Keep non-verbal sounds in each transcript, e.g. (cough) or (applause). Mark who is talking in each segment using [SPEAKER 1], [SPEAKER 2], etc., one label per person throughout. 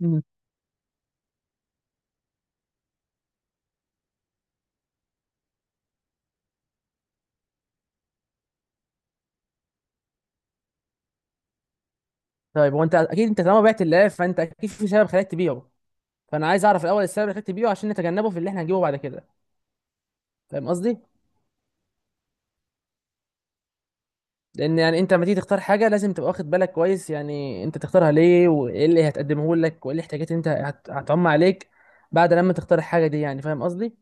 [SPEAKER 1] مم. طيب هو انت اكيد انت طالما بعت الالف فانت اكيد في سبب خلاك تبيعه. فانا عايز اعرف الاول السبب اللي خلاك تبيعه عشان نتجنبه في اللي احنا هنجيبه بعد كده، فاهم قصدي؟ لان يعني انت لما تيجي تختار حاجه لازم تبقى واخد بالك كويس، يعني انت تختارها ليه وايه اللي هتقدمه لك وايه الاحتياجات اللي انت هتعم عليك بعد لما تختار الحاجه دي، يعني فاهم قصدي؟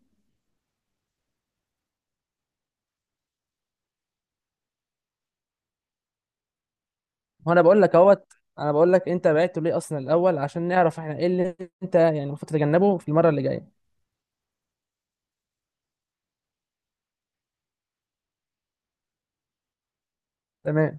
[SPEAKER 1] وانا بقول لك اهوت، انا بقول لك انت بعته ليه اصلا الاول عشان نعرف احنا ايه اللي انت يعني المفروض تتجنبه في المره اللي جايه. تمام،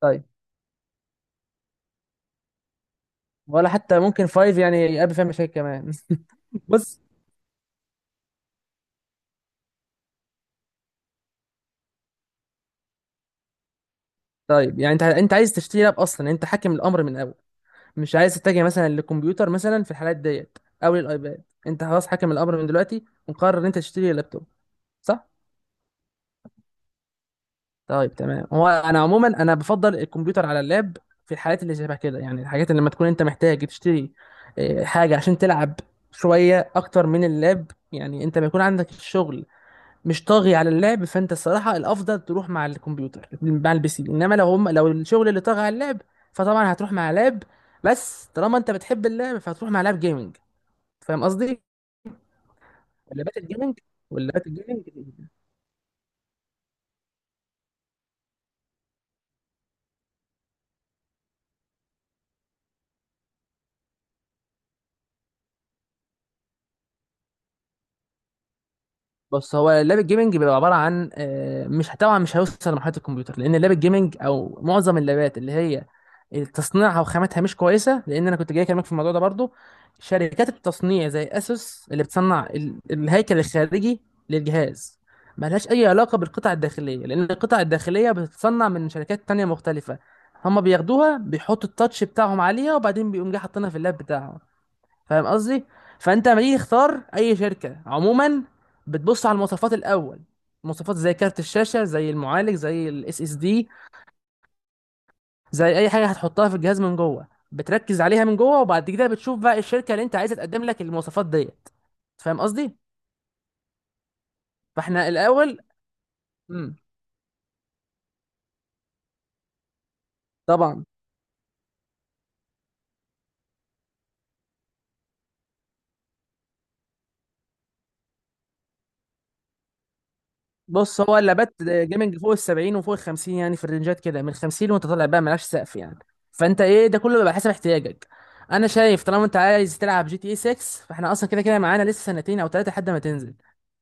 [SPEAKER 1] طيب. ولا حتى ممكن فايف يعني يقابل فيها مشاكل كمان. (laughs) بص، طيب يعني انت انت عايز تشتري لاب اصلا، يعني انت حاكم الامر من الاول، مش عايز تتجه مثلا للكمبيوتر مثلا في الحالات ديت او للايباد. انت خلاص حاكم الامر من دلوقتي ومقرر ان انت تشتري لابتوب، صح؟ طيب تمام. هو انا عموما انا بفضل الكمبيوتر على اللاب في الحالات اللي شبه كده، يعني الحاجات اللي لما تكون انت محتاج تشتري اه، حاجه عشان تلعب شويه اكتر من اللاب، يعني انت ما يكون عندك الشغل مش طاغي على اللعب، فانت الصراحه الافضل تروح مع الكمبيوتر، مع البي سي. انما لو هم لو الشغل اللي طاغي على اللعب فطبعا هتروح مع لاب. بس طالما انت بتحب اللعب فهتروح مع لاب جيمنج، فاهم قصدي؟ ولا بات الجيمنج، ولا بات الجيمنج. بص، هو اللاب الجيمنج بيبقى عباره عن مش، طبعا مش هيوصل لمرحله الكمبيوتر، لان اللاب الجيمنج او معظم اللابات اللي هي تصنيعها وخاماتها مش كويسه، لان انا كنت جاي اكلمك في الموضوع ده برضو. شركات التصنيع زي اسوس اللي بتصنع الهيكل الخارجي للجهاز ملهاش اي علاقه بالقطع الداخليه، لان القطع الداخليه بتتصنع من شركات تانية مختلفه. هما بياخدوها بيحطوا التاتش بتاعهم عليها وبعدين بيقوم جاي حاطينها في اللاب بتاعهم، فاهم قصدي؟ فانت لما تيجي تختار اي شركه عموما بتبص على المواصفات الاول، مواصفات زي كارت الشاشه، زي المعالج، زي الاس اس دي، زي اي حاجه هتحطها في الجهاز من جوه. بتركز عليها من جوه، وبعد كده بتشوف بقى الشركه اللي انت عايزه تقدم لك المواصفات ديت، فاهم قصدي؟ فاحنا الاول امم طبعا. بص، هو اللابات جيمنج فوق ال 70 وفوق ال 50، يعني في الرينجات كده من 50 وانت طالع بقى، ملهاش سقف يعني. فانت ايه ده كله بيبقى حسب احتياجك. انا شايف طالما انت عايز تلعب جي تي اي 6، فاحنا اصلا كده كده معانا لسه سنتين او ثلاثه لحد ما تنزل،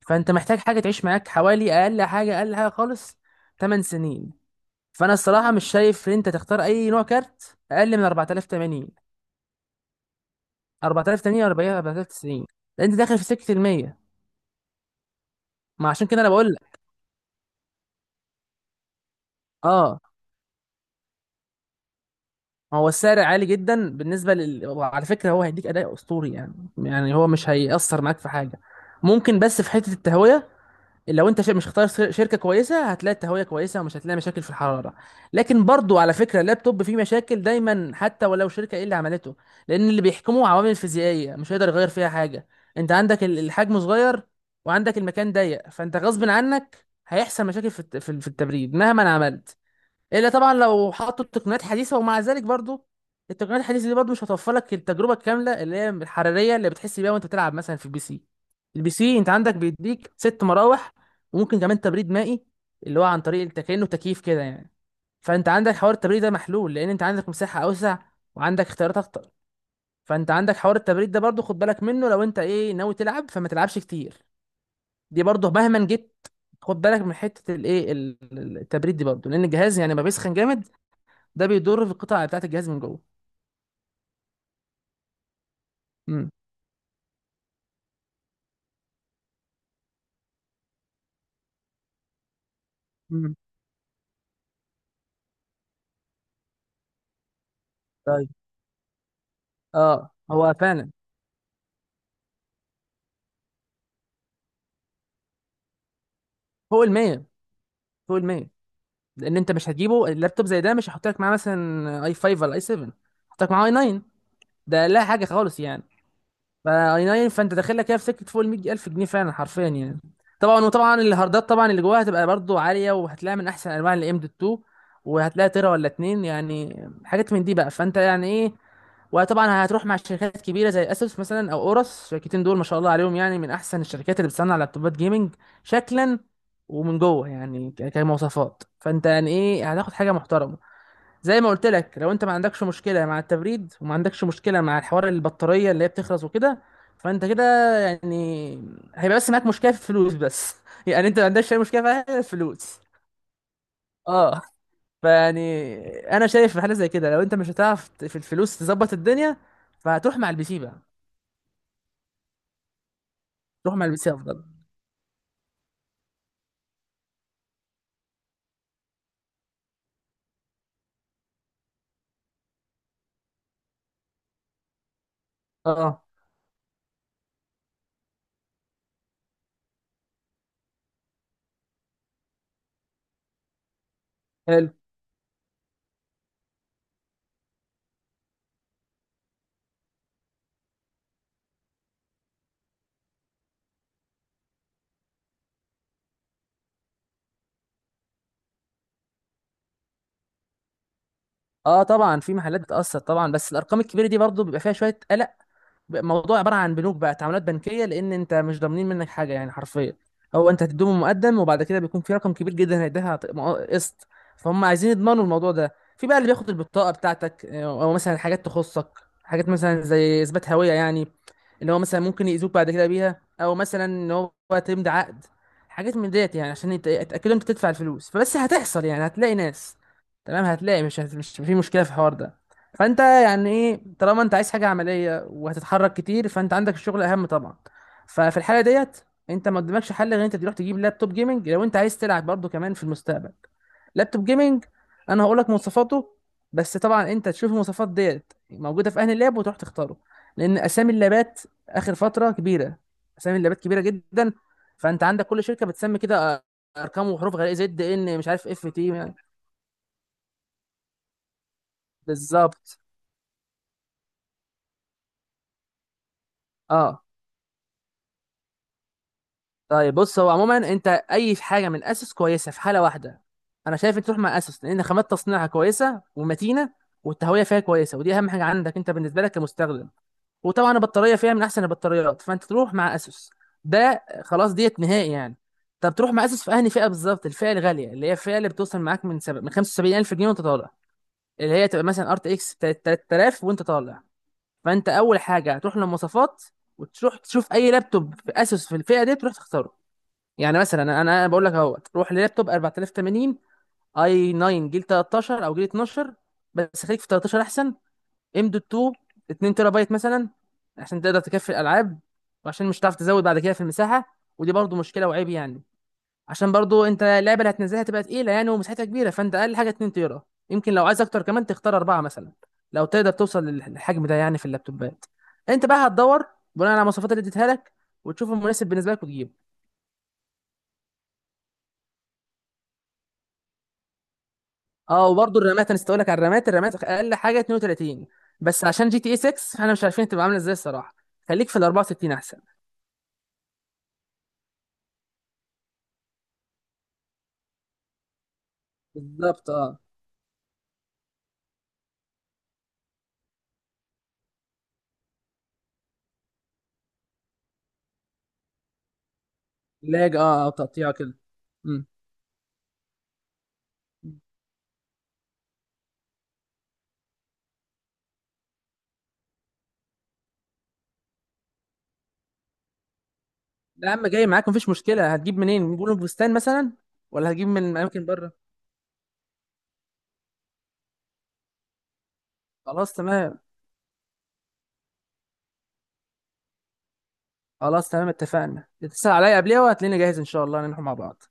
[SPEAKER 1] فانت محتاج حاجه تعيش معاك حوالي اقل حاجه، اقل حاجه خالص 8 سنين. فانا الصراحه مش شايف ان انت تختار اي نوع كارت اقل من 4080، 4080 و 40 4090، لان انت داخل في سكه ال 100. ما عشان كده انا بقول لك اه. هو السعر عالي جدا بالنسبه وعلى فكره هو هيديك اداء اسطوري يعني، يعني هو مش هيأثر معاك في حاجه، ممكن بس في حته التهويه. لو انت مش اختار شركه كويسه هتلاقي التهويه كويسه ومش هتلاقي مشاكل في الحراره. لكن برضو على فكره اللابتوب فيه مشاكل دايما حتى ولو شركه ايه اللي عملته، لان اللي بيحكمه عوامل فيزيائيه مش هيقدر يغير فيها حاجه. انت عندك الحجم صغير وعندك المكان ضيق، فانت غصب عنك هيحصل مشاكل في في التبريد مهما عملت، الا طبعا لو حطوا تقنيات حديثه. ومع ذلك برضو التقنيات الحديثه دي برضو مش هتوفر لك التجربه الكامله اللي هي الحراريه اللي بتحس بيها وانت بتلعب مثلا في البي سي. البي سي انت عندك بيديك ست مراوح، وممكن كمان تبريد مائي اللي هو عن طريق انت كانه تكييف كده يعني. فانت عندك حوار التبريد ده محلول، لان انت عندك مساحه اوسع وعندك اختيارات اكتر. فانت عندك حوار التبريد ده برضو خد بالك منه، لو انت ايه ناوي تلعب فما تلعبش كتير. دي برضو مهما جيت خد بالك من حته الايه التبريد دي برضو، لان الجهاز يعني ما بيسخن جامد، ده بيضر في القطع بتاعت الجهاز من جوه. امم مم. طيب. اه هو فعلا فوق ال 100، فوق ال 100، لان انت مش هتجيبه اللابتوب زي ده. مش هحط لك معاه مثلا اي 5 ولا اي 7، هحط لك معاه اي 9. ده لا حاجه خالص يعني، ما اي ناين. فانت داخل لك كده في سكه فوق ال 100000 جنيه فعلا، حرفيا يعني. طبعا، وطبعا الهاردات طبعا اللي جواها هتبقى برضو عاليه، وهتلاقي من احسن انواع الام دوت 2، وهتلاقي تيرا ولا اتنين يعني، حاجات من دي بقى، فانت يعني ايه. وطبعا هتروح مع شركات كبيره زي اسوس مثلا او اورس، الشركتين دول ما شاء الله عليهم، يعني من احسن الشركات اللي بتصنع لابتوبات جيمنج، شكلا ومن جوه، يعني كمواصفات، فانت يعني ايه هتاخد حاجه محترمه. زي ما قلت لك، لو انت ما عندكش مشكله مع التبريد، وما عندكش مشكله مع الحوار البطاريه اللي هي بتخلص وكده، فانت كده يعني هيبقى بس معاك مشكله في الفلوس بس. (laughs) يعني انت ما عندكش اي مشكله في حاجة غير الفلوس. اه. فيعني انا شايف في حاله زي كده، لو انت مش هتعرف في الفلوس تظبط الدنيا، فهتروح مع البي سي بقى. تروح مع البي سي افضل. اه، حلو. اه، طبعا في محلات بتاثر طبعا، بس الارقام الكبيره دي برضو بيبقى فيها شويه. الموضوع عباره عن بنوك بقى، تعاملات بنكيه، لان انت مش ضامنين منك حاجه يعني حرفيا. هو انت هتديهم مقدم، وبعد كده بيكون في رقم كبير جدا هيديها قسط، فهم عايزين يضمنوا الموضوع ده في بقى اللي بياخد البطاقه بتاعتك او مثلا حاجات تخصك، حاجات مثلا زي اثبات هويه يعني، اللي هو مثلا ممكن يأذوك بعد كده بيها، او مثلا ان هو تمضي عقد، حاجات من ديت يعني، عشان يتأكدوا انت تدفع الفلوس. فبس هتحصل يعني، هتلاقي ناس تمام، هتلاقي مش مش في مشكلة في الحوار ده. فانت يعني ايه، طالما انت عايز حاجة عملية وهتتحرك كتير، فانت عندك الشغل اهم طبعا. ففي الحالة ديت انت ما قدامكش حل غير انت تروح تجيب لابتوب جيمنج، لو انت عايز تلعب برضه كمان في المستقبل. لابتوب جيمنج، انا هقول لك مواصفاته، بس طبعا انت تشوف المواصفات ديت موجوده في اهل اللاب وتروح تختاره، لان اسامي اللابات اخر فتره كبيره، اسامي اللابات كبيره جدا. فانت عندك كل شركه بتسمي كده ارقام وحروف غريبه، زد ان مش عارف اف تي يعني. بالظبط اه. طيب بص، هو عموما انت اي حاجه من اسس كويسه في حاله واحده، انا شايف انت تروح مع اسس، لان خامات تصنيعها كويسه ومتينه، والتهويه فيها كويسه ودي اهم حاجه عندك انت بالنسبه لك كمستخدم، وطبعا البطاريه فيها من احسن البطاريات. فانت تروح مع اسس، ده خلاص ديت نهائي يعني. طب تروح مع اسس في انهي فئه بالظبط؟ الفئه الغاليه، اللي هي الفئه اللي بتوصل معاك من من 75000 جنيه وانت طالع، اللي هي تبقى مثلا ار تي اكس 3000 وانت طالع. فانت اول حاجه هتروح للمواصفات، وتروح تشوف اي لابتوب في اسوس في الفئه دي تروح تختاره. يعني مثلا انا بقول لك اهوت، روح للابتوب 4080، اي 9، جيل 13 او جيل 12، بس خليك في 13 احسن. ام دوت 2، 2 تيرا بايت مثلا، عشان تقدر تكفي الالعاب، وعشان مش هتعرف تزود بعد كده في المساحه، ودي برضو مشكله وعيب يعني. عشان برضو انت اللعبه اللي هتنزلها تبقى تقيله يعني ومساحتها كبيره، فانت اقل حاجه 2 تيرا. يمكن لو عايز اكتر كمان تختار اربعه مثلا، لو تقدر توصل للحجم ده يعني في اللابتوبات. انت بقى هتدور بناء على المواصفات اللي اديتها لك، وتشوف المناسب بالنسبه لك وتجيبه. اه، وبرضو الرامات انا لك على الرامات، الرامات اقل حاجه 32، بس عشان جي تي اي 6 احنا مش عارفين تبقى عامله ازاي الصراحه، خليك في ال 64 احسن. بالظبط اه. لاج اه، او تقطيع كده. امم لا يا عم، جاي معاك مفيش مشكله. هتجيب منين؟ من بلو بستان مثلا ولا هتجيب من اماكن بره؟ خلاص تمام. خلاص تمام، اتفقنا، تسأل عليا قبلها وهتلاقيني جاهز ان شاء الله نروح مع بعض.